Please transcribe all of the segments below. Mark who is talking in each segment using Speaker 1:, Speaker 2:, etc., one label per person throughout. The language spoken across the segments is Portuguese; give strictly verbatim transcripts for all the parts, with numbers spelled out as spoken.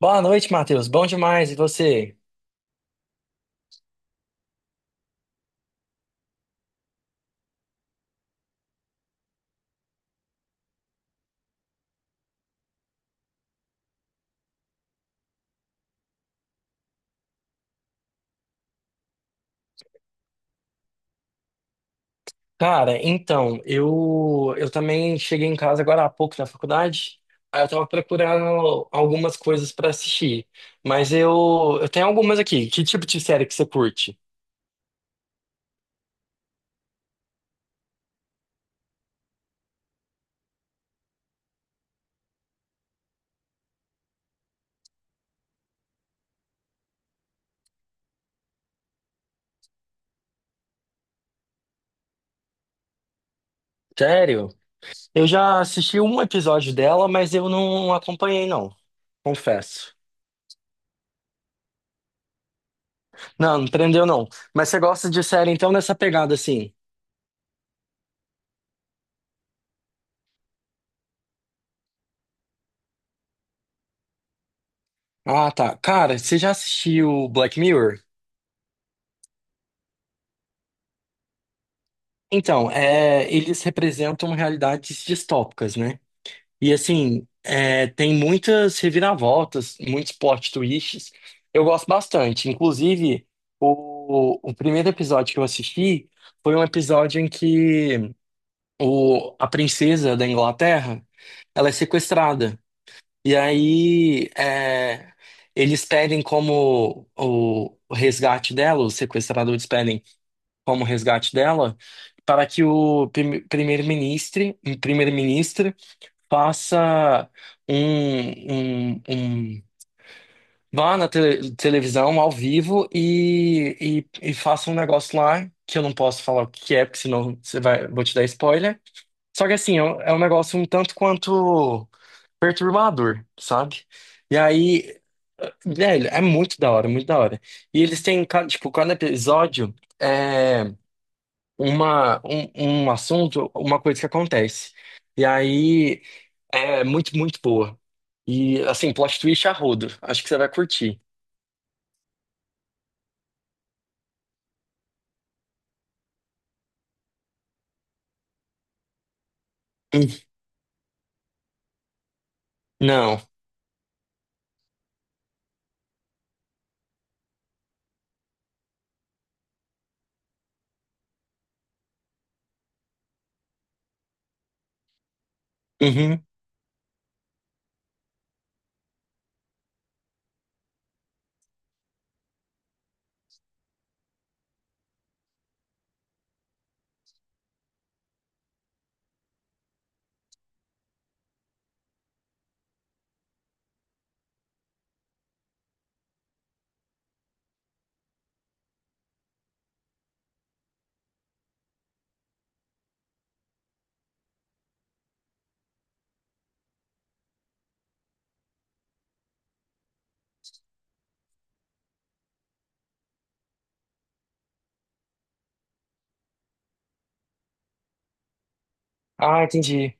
Speaker 1: Boa noite, Matheus. Bom demais. E você? Cara, então, eu eu também cheguei em casa agora há pouco da faculdade. Aí eu tava procurando algumas coisas pra assistir. Mas eu eu tenho algumas aqui. Que tipo de série que você curte? Sério? Eu já assisti um episódio dela, mas eu não acompanhei, não. Confesso. Não, não prendeu, não. Mas você gosta de série, então, nessa pegada assim? Ah, tá. Cara, você já assistiu Black Mirror? Então, é, eles representam realidades distópicas, né? E assim, é, tem muitas reviravoltas, muitos plot twists. Eu gosto bastante. Inclusive, o, o primeiro episódio que eu assisti foi um episódio em que o, a princesa da Inglaterra, ela é sequestrada. E aí, é, eles pedem como o, o resgate dela, os sequestradores pedem como resgate dela, para que o prime- primeiro-ministro primeiro-ministro faça um, um, um- vá na tele- televisão ao vivo e, e, e faça um negócio lá que eu não posso falar o que é, porque senão você vai, vou te dar spoiler. Só que assim, é um é um negócio um tanto quanto perturbador, sabe? E aí, velho, é muito da hora, muito da hora. E eles têm, ca- tipo, cada episódio. É uma, um, um assunto, uma coisa que acontece. E aí é muito, muito boa. E assim, plot twist a rodo. Acho que você vai curtir. Hum. Não. Uhum. Ah, entendi.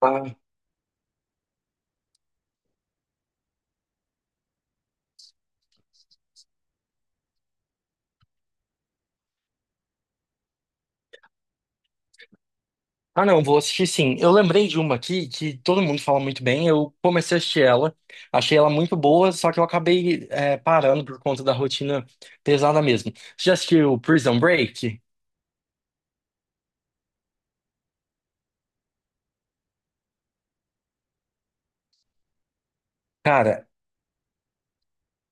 Speaker 1: Ah, ah, não, vou assistir sim. Eu lembrei de uma aqui que todo mundo fala muito bem. Eu comecei a assistir ela, achei ela muito boa, só que eu acabei é, parando por conta da rotina pesada mesmo. Você já assistiu Prison Break? Cara,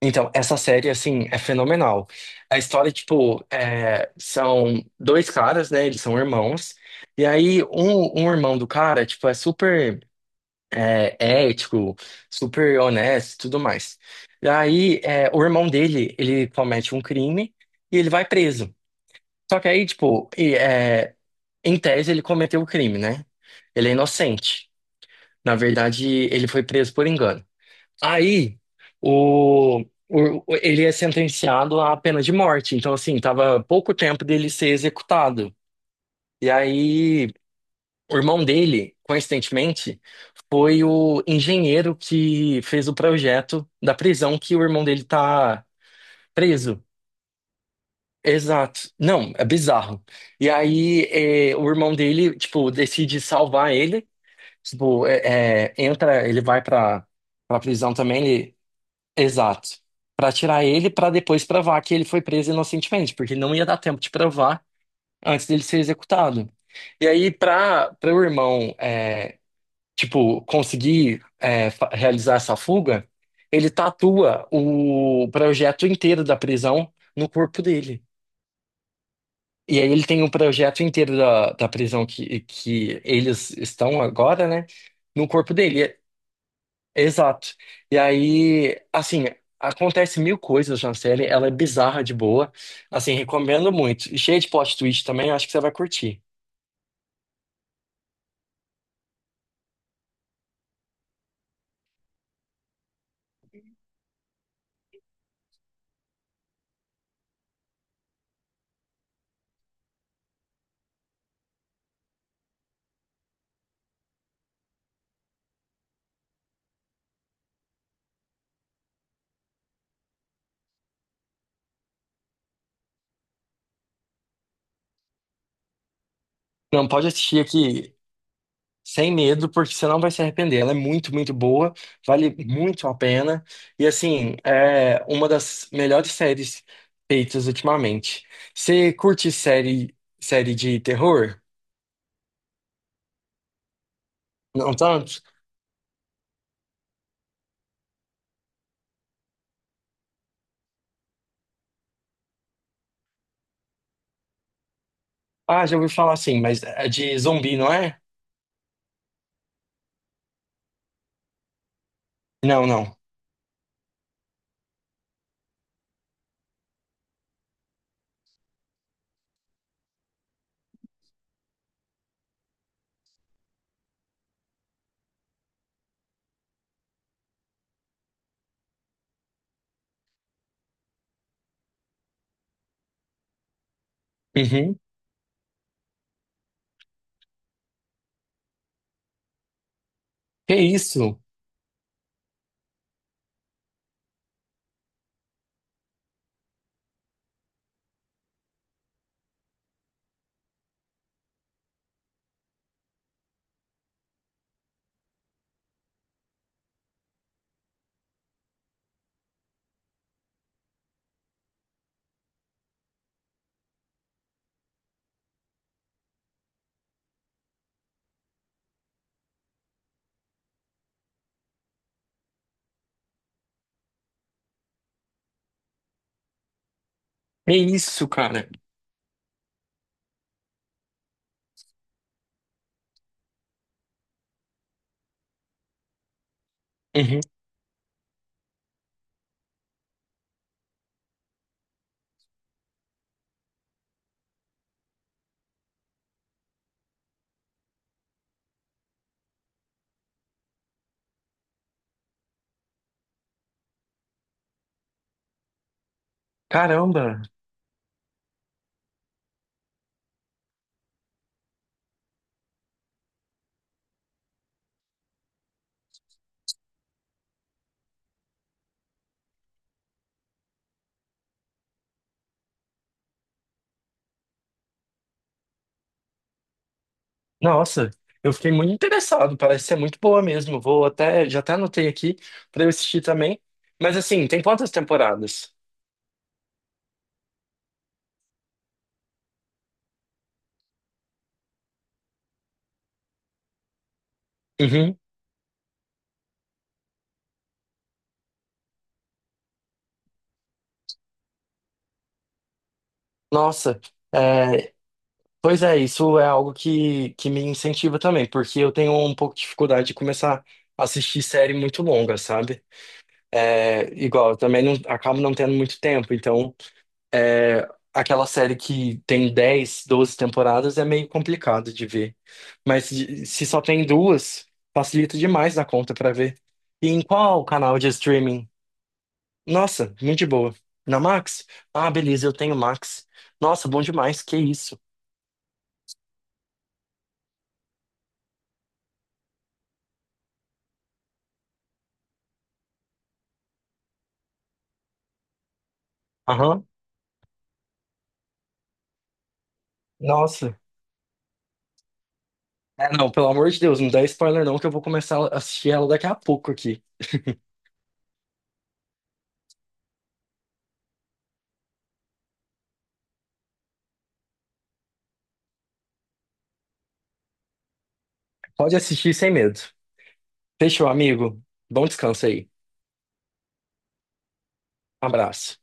Speaker 1: então, essa série, assim, é fenomenal. A história, tipo, é, são dois caras, né? Eles são irmãos. E aí, um, um irmão do cara, tipo, é super é, ético, super honesto e tudo mais. E aí, é, o irmão dele, ele comete um crime e ele vai preso. Só que aí, tipo, e, é, em tese, ele cometeu o crime, né? Ele é inocente. Na verdade, ele foi preso por engano. Aí, o, o- ele é sentenciado à pena de morte. Então, assim, tava pouco tempo dele ser executado. E aí, o irmão dele, coincidentemente, foi o engenheiro que fez o projeto da prisão que o irmão dele tá preso. Exato. Não, é bizarro. E aí, é, o irmão dele, tipo, decide salvar ele. Tipo, é, é, entra, ele vai pra, pra prisão também. Exato. Pra tirar ele, pra depois provar que ele foi preso inocentemente, porque não ia dar tempo de provar antes dele ser executado. E aí, pra para o irmão, é, tipo, conseguir é, fa- realizar essa fuga, ele tatua o projeto inteiro da prisão no corpo dele. E aí ele tem o projeto inteiro da, da prisão que, que eles estão agora, né? No corpo dele. Exato. E aí, assim, acontece mil coisas na série, ela é bizarra de boa. Assim, recomendo muito. E cheia de plot twist também, acho que você vai curtir. Não, pode assistir aqui sem medo, porque você não vai se arrepender. Ela é muito, muito boa, vale muito a pena. E assim, é uma das melhores séries feitas ultimamente. Você curte série, série de terror? Não tanto? Ah, já ouvi falar assim, mas é de zumbi, não é? Não, não. Uhum. Que isso? É isso, cara. Uhum. Caramba. Nossa, eu fiquei muito interessado. Parece ser muito boa mesmo. Vou até, já até anotei aqui pra eu assistir também. Mas assim, tem quantas temporadas? Uhum. Nossa. É, pois é, isso é algo que, que me incentiva também, porque eu tenho um pouco de dificuldade de começar a assistir série muito longa, sabe? É, igual, eu também não, acabo não tendo muito tempo, então. Aquela série que tem dez, doze temporadas é meio complicado de ver. Mas de- se só tem duas, facilita demais na conta pra ver. E em qual canal de streaming? Nossa, muito de boa. Na Max? Ah, beleza, eu tenho Max. Nossa, bom demais, que isso. Aham, nossa. É, não, pelo amor de Deus, não dá spoiler não, que eu vou começar a assistir ela daqui a pouco aqui. Pode assistir sem medo. Fechou, amigo. Bom descanso aí. Abraço.